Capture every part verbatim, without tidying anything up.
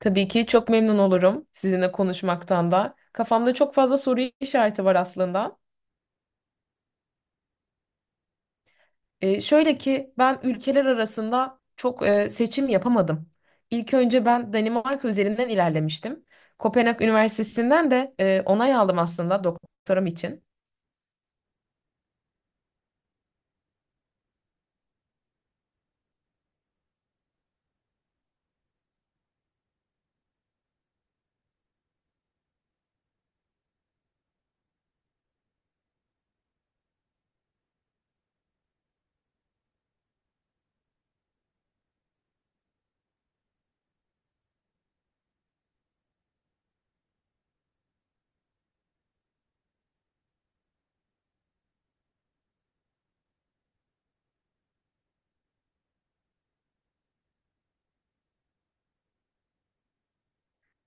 Tabii ki çok memnun olurum sizinle konuşmaktan da. Kafamda çok fazla soru işareti var aslında. Ee, şöyle ki ben ülkeler arasında çok e, seçim yapamadım. İlk önce ben Danimarka üzerinden ilerlemiştim. Kopenhag Üniversitesi'nden de e, onay aldım aslında doktoram için.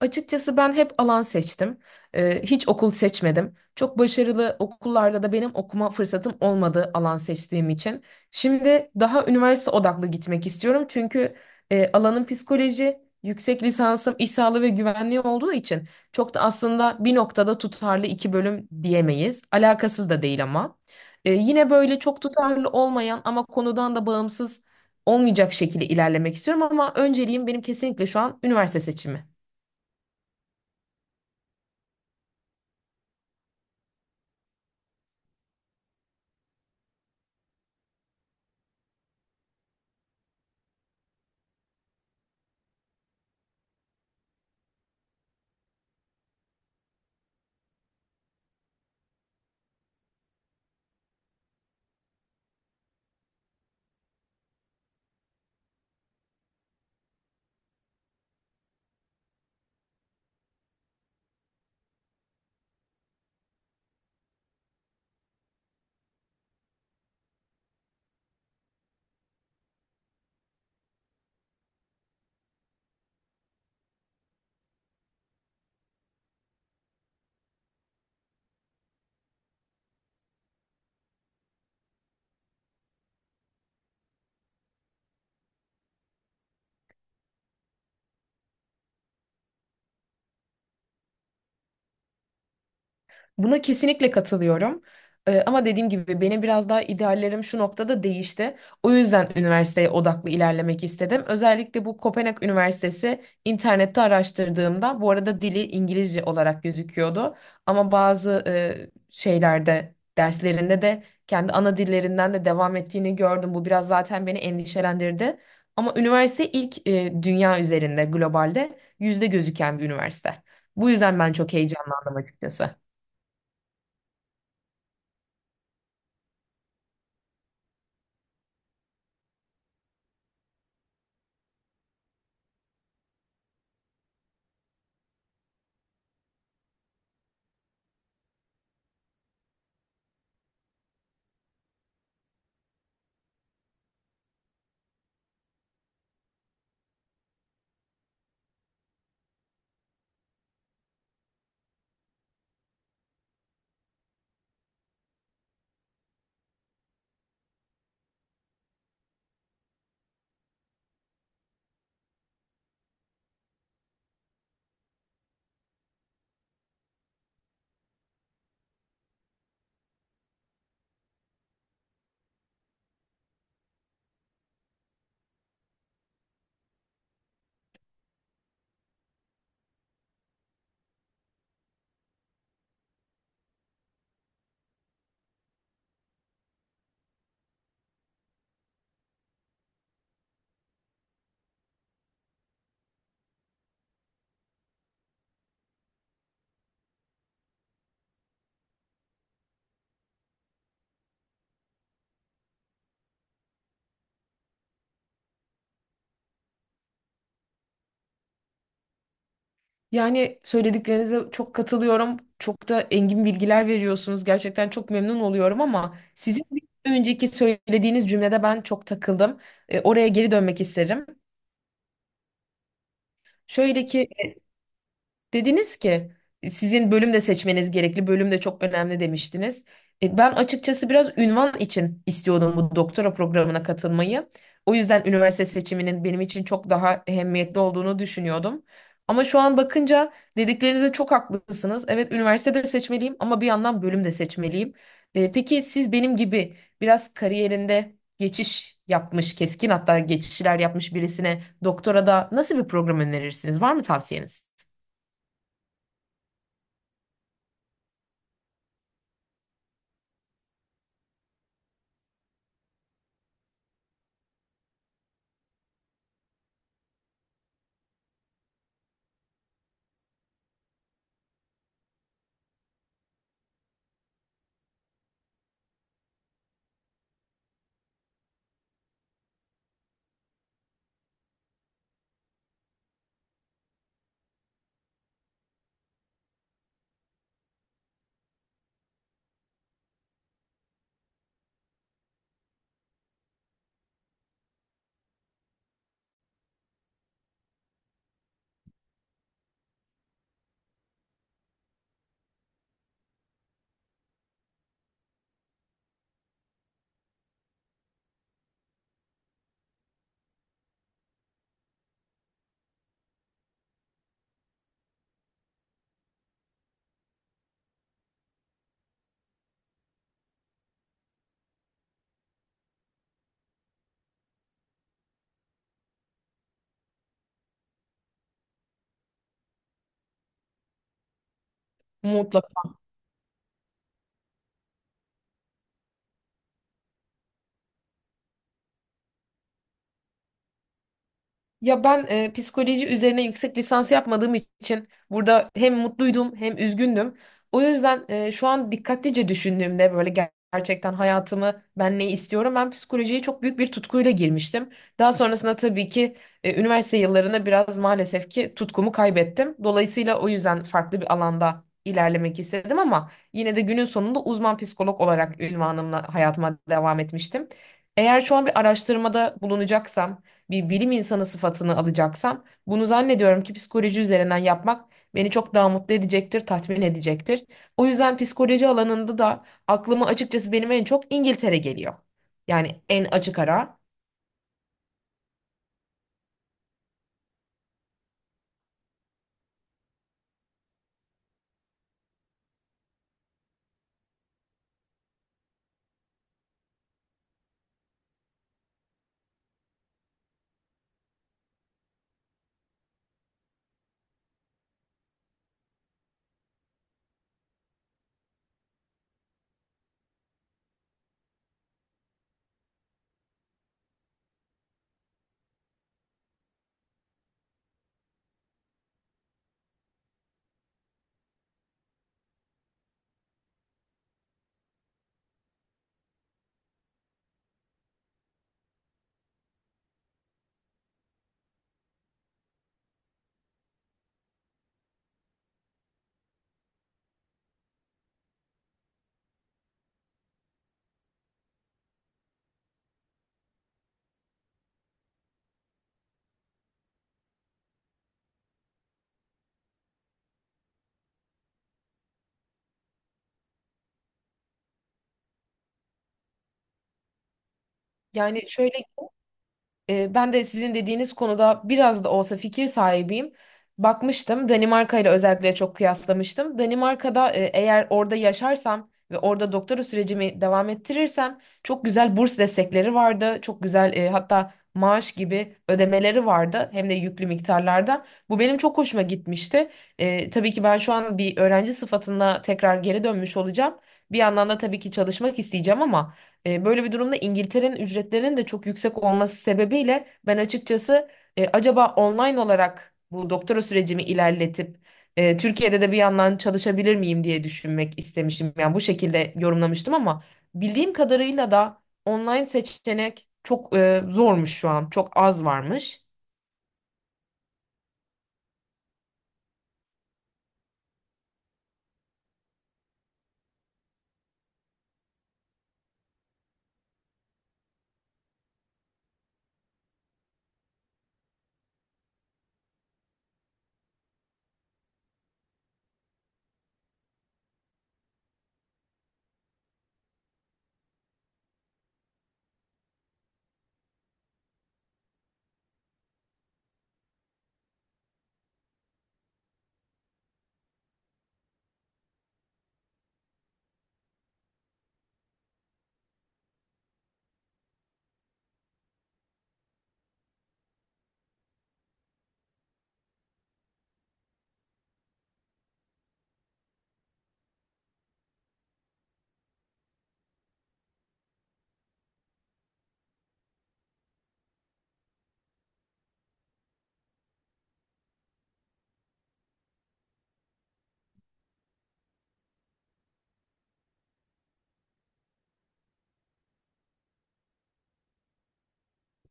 Açıkçası ben hep alan seçtim. Ee, hiç okul seçmedim. Çok başarılı okullarda da benim okuma fırsatım olmadı alan seçtiğim için. Şimdi daha üniversite odaklı gitmek istiyorum. Çünkü e, alanım psikoloji, yüksek lisansım iş sağlığı ve güvenliği olduğu için çok da aslında bir noktada tutarlı iki bölüm diyemeyiz. Alakasız da değil ama. Ee, yine böyle çok tutarlı olmayan ama konudan da bağımsız olmayacak şekilde ilerlemek istiyorum ama önceliğim benim kesinlikle şu an üniversite seçimi. Buna kesinlikle katılıyorum. Ee, ama dediğim gibi benim biraz daha ideallerim şu noktada değişti. O yüzden üniversiteye odaklı ilerlemek istedim. Özellikle bu Kopenhag Üniversitesi internette araştırdığımda bu arada dili İngilizce olarak gözüküyordu. Ama bazı e, şeylerde derslerinde de kendi ana dillerinden de devam ettiğini gördüm. Bu biraz zaten beni endişelendirdi. Ama üniversite ilk e, dünya üzerinde globalde yüzde gözüken bir üniversite. Bu yüzden ben çok heyecanlandım açıkçası. Yani söylediklerinize çok katılıyorum. Çok da engin bilgiler veriyorsunuz. Gerçekten çok memnun oluyorum ama sizin bir önceki söylediğiniz cümlede ben çok takıldım. E, oraya geri dönmek isterim. Şöyle ki dediniz ki "E, sizin bölüm de seçmeniz gerekli, bölüm de çok önemli demiştiniz. E, ben açıkçası biraz ünvan için istiyordum bu doktora programına katılmayı. O yüzden üniversite seçiminin benim için çok daha ehemmiyetli olduğunu düşünüyordum. Ama şu an bakınca dediklerinize çok haklısınız. Evet üniversite de seçmeliyim ama bir yandan bölüm de seçmeliyim. E, peki siz benim gibi biraz kariyerinde geçiş yapmış, keskin hatta geçişler yapmış birisine doktora da nasıl bir program önerirsiniz? Var mı tavsiyeniz? Mutlaka. Ya ben e, psikoloji üzerine yüksek lisans yapmadığım için burada hem mutluydum hem üzgündüm. O yüzden e, şu an dikkatlice düşündüğümde böyle ger- gerçekten hayatımı ben ne istiyorum? Ben psikolojiye çok büyük bir tutkuyla girmiştim. Daha sonrasında tabii ki e, üniversite yıllarında biraz maalesef ki tutkumu kaybettim. Dolayısıyla o yüzden farklı bir alanda ilerlemek istedim ama yine de günün sonunda uzman psikolog olarak ünvanımla hayatıma devam etmiştim. Eğer şu an bir araştırmada bulunacaksam bir bilim insanı sıfatını alacaksam bunu zannediyorum ki psikoloji üzerinden yapmak beni çok daha mutlu edecektir, tatmin edecektir. O yüzden psikoloji alanında da aklıma açıkçası benim en çok İngiltere geliyor. Yani en açık ara. Yani şöyle E, ben de sizin dediğiniz konuda biraz da olsa fikir sahibiyim. Bakmıştım Danimarka ile özellikle çok kıyaslamıştım. Danimarka'da e, eğer orada yaşarsam ve orada doktora sürecimi devam ettirirsem çok güzel burs destekleri vardı. Çok güzel e, hatta maaş gibi ödemeleri vardı hem de yüklü miktarlarda. Bu benim çok hoşuma gitmişti. E, tabii ki ben şu an bir öğrenci sıfatına tekrar geri dönmüş olacağım. Bir yandan da tabii ki çalışmak isteyeceğim ama... E, böyle bir durumda İngiltere'nin ücretlerinin de çok yüksek olması sebebiyle ben açıkçası e, acaba online olarak bu doktora sürecimi ilerletip e, Türkiye'de de bir yandan çalışabilir miyim diye düşünmek istemişim. Yani bu şekilde yorumlamıştım ama bildiğim kadarıyla da online seçenek çok e, zormuş şu an. Çok az varmış.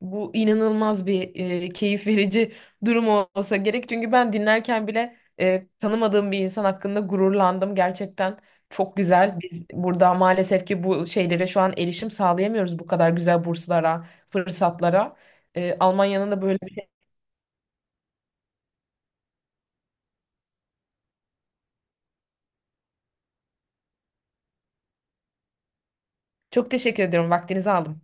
Bu inanılmaz bir e, keyif verici durum olsa gerek. Çünkü ben dinlerken bile e, tanımadığım bir insan hakkında gururlandım. Gerçekten çok güzel. Biz burada maalesef ki bu şeylere şu an erişim sağlayamıyoruz bu kadar güzel burslara, fırsatlara. E, Almanya'nın da böyle bir... Çok teşekkür ediyorum. Vaktinizi aldım.